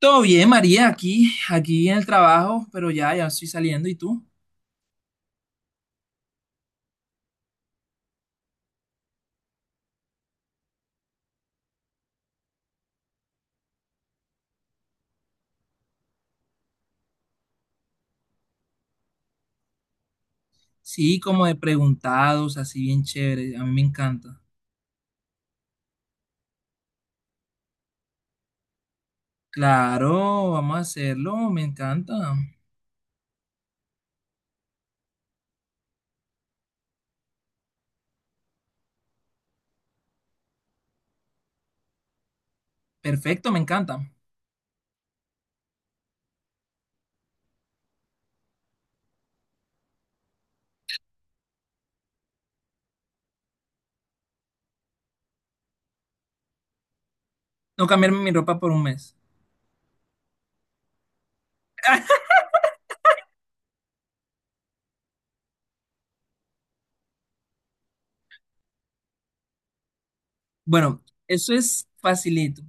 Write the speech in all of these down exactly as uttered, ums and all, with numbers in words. Todo bien, María, aquí, aquí en el trabajo, pero ya, ya estoy saliendo. ¿Y tú? Sí, como de preguntados, así bien chévere. A mí me encanta. Claro, vamos a hacerlo, me encanta. Perfecto, me encanta. No cambiarme mi ropa por un mes. Bueno, eso es facilito.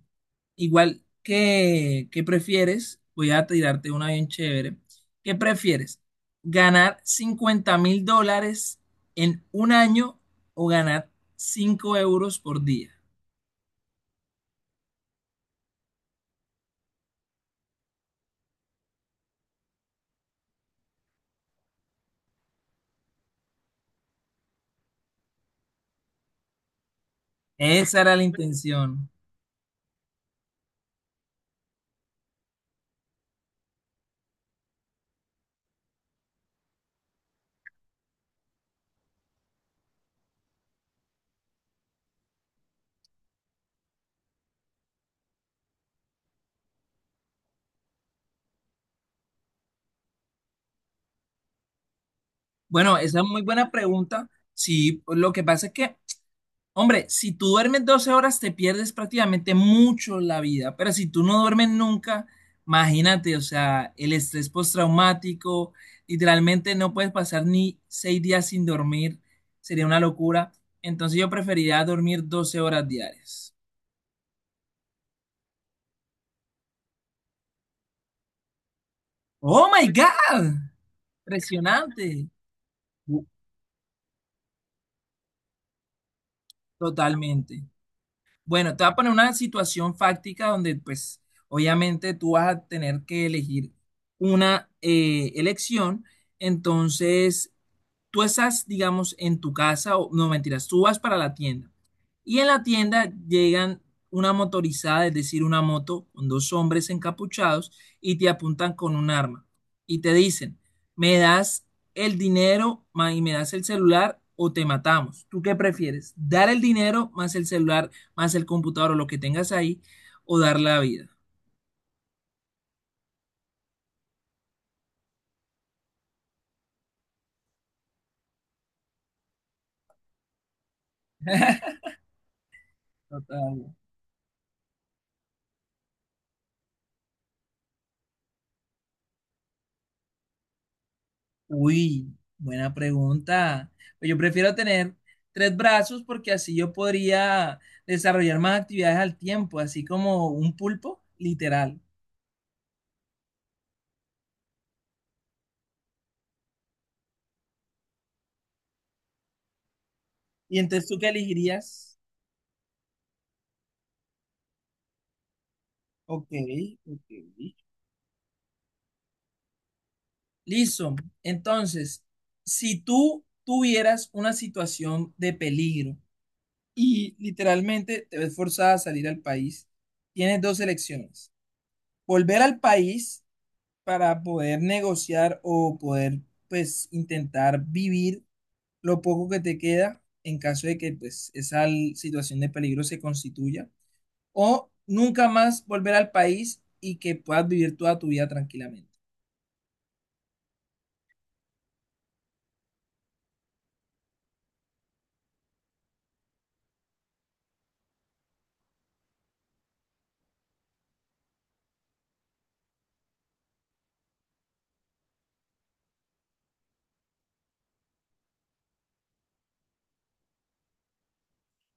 Igual que, ¿qué prefieres? Voy a tirarte una bien chévere. ¿Qué prefieres? ¿Ganar cincuenta mil dólares en un año o ganar cinco euros por día? Esa era la intención. Bueno, esa es muy buena pregunta. Sí, lo que pasa es que, hombre, si tú duermes doce horas, te pierdes prácticamente mucho la vida, pero si tú no duermes nunca, imagínate, o sea, el estrés postraumático, literalmente no puedes pasar ni seis días sin dormir, sería una locura. Entonces yo preferiría dormir doce horas diarias. Oh my God, impresionante. Bu- Totalmente. Bueno, te voy a poner una situación fáctica donde, pues, obviamente tú vas a tener que elegir una eh, elección. Entonces, tú estás, digamos, en tu casa, o no mentiras, tú vas para la tienda y en la tienda llegan una motorizada, es decir, una moto con dos hombres encapuchados y te apuntan con un arma y te dicen, me das el dinero ma- y me das el celular o te matamos. ¿Tú qué prefieres? ¿Dar el dinero más el celular, más el computador o lo que tengas ahí o dar la vida? Total. Uy, buena pregunta. Pues yo prefiero tener tres brazos porque así yo podría desarrollar más actividades al tiempo, así como un pulpo, literal. ¿Y entonces tú qué elegirías? Ok, ok. Listo. Entonces, si tú tuvieras una situación de peligro y literalmente te ves forzada a salir al país, tienes dos elecciones. Volver al país para poder negociar o poder, pues, intentar vivir lo poco que te queda en caso de que, pues, esa l- situación de peligro se constituya. O nunca más volver al país y que puedas vivir toda tu vida tranquilamente.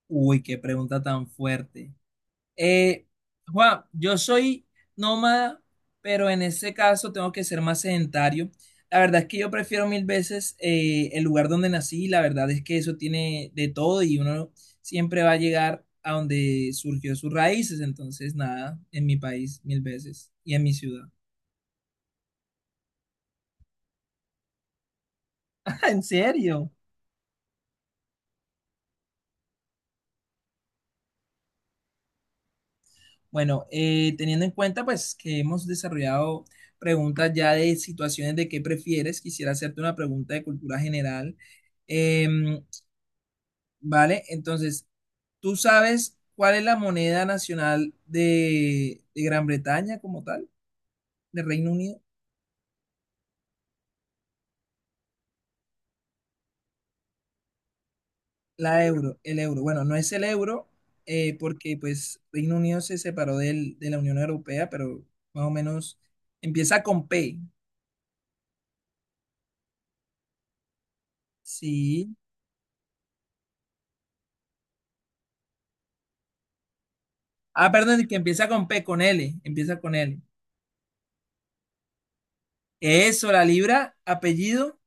Uy, qué pregunta tan fuerte. Eh, Juan, yo soy nómada, pero en ese caso tengo que ser más sedentario. La verdad es que yo prefiero mil veces eh, el lugar donde nací. La verdad es que eso tiene de todo y uno siempre va a llegar a donde surgió sus raíces. Entonces, nada, en mi país mil veces y en mi ciudad. ¿En serio? Bueno, eh, teniendo en cuenta pues que hemos desarrollado preguntas ya de situaciones de qué prefieres, quisiera hacerte una pregunta de cultura general. Em, ¿Vale? Entonces, ¿tú sabes cuál es la moneda nacional de, de Gran Bretaña como tal, de Reino Unido? La euro, el euro. Bueno, no es el euro eh, porque pues Reino Unido se separó del- de la Unión Europea, pero más o menos empieza con P. Sí. Ah, perdón, que empieza con P, con L, empieza con L. Eso, la libra, apellido.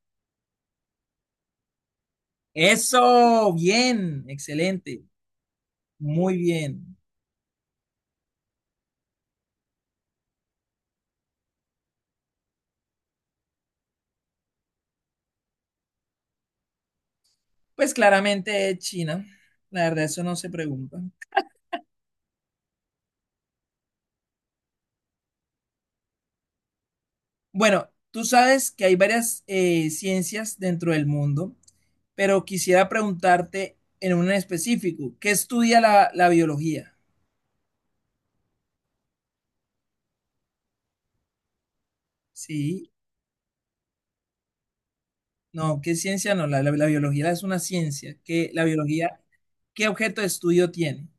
Eso, bien, excelente, muy bien. Pues claramente es China. La verdad, eso no se pregunta. Bueno, tú sabes que hay varias eh, ciencias dentro del mundo, pero quisiera preguntarte en un específico, ¿qué estudia la, la- biología? Sí, no, ¿qué ciencia no? La, la- la biología es una ciencia. ¿Qué, la biología, qué objeto de estudio tiene?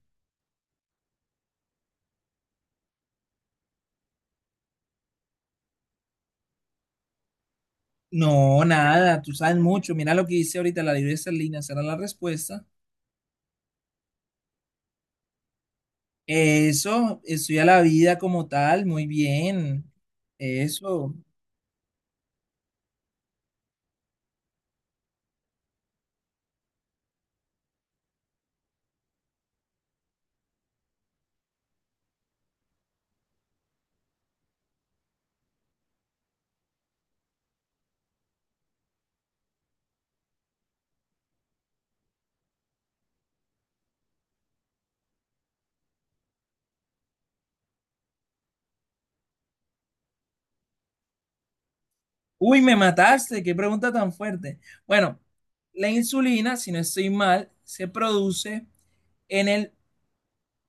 No, nada, tú sabes mucho. Mira lo que dice ahorita la libreta Serlina, será la respuesta. Eso, estudia la vida como tal, muy bien. Eso. Uy, me mataste, qué pregunta tan fuerte. Bueno, la insulina, si no estoy mal, se produce en el,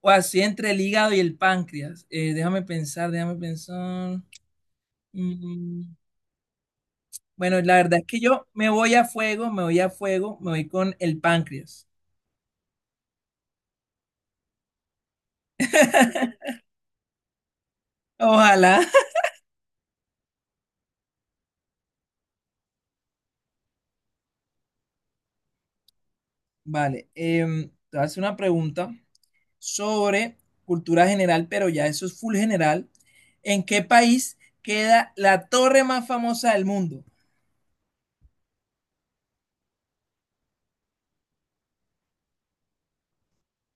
o así entre el hígado y el páncreas. Eh, déjame pensar, déjame pensar. Mm, bueno, la verdad es que yo me voy a fuego, me voy a fuego, me voy con el páncreas. Ojalá. Vale, em, te voy a hacer una pregunta sobre cultura general, pero ya eso es full general. ¿En qué país queda la torre más famosa del mundo?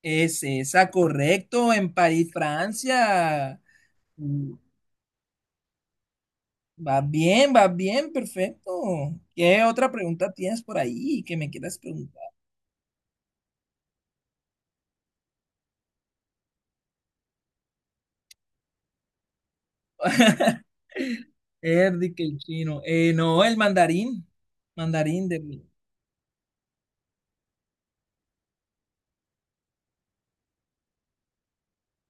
Es esa, correcto, en París, Francia. Mm, Va bien, va bien, perfecto. ¿Qué otra pregunta tienes por ahí que me quieras preguntar? Erdi, que el chino. Eh, no, el mandarín. Mandarín de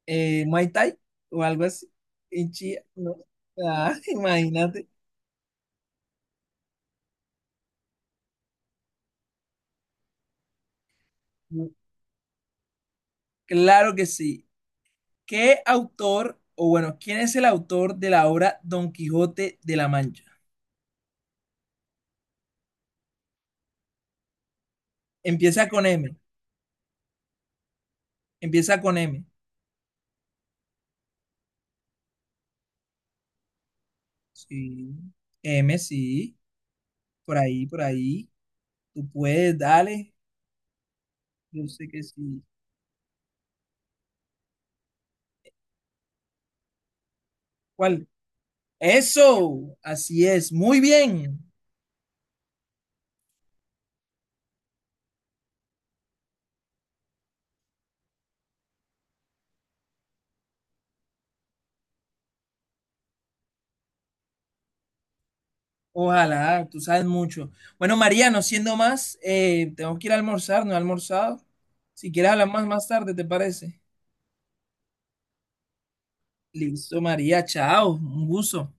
eh, Muay Thai o algo así. En Chía, no. Ah, imagínate. Mm, Claro que sí. ¿Qué autor, o bueno, quién es el autor de la obra Don Quijote de la Mancha? Empieza con M. Empieza con M. Sí, M, sí, por ahí, por ahí. Tú puedes, dale. Yo sé que sí. ¿Cuál? Eso, así es. Muy bien. Ojalá, tú sabes mucho. Bueno, María, no siendo más, eh, tengo que ir a almorzar, no he almorzado. Si quieres hablar más más tarde, ¿te parece? Listo, María, chao. Un gusto.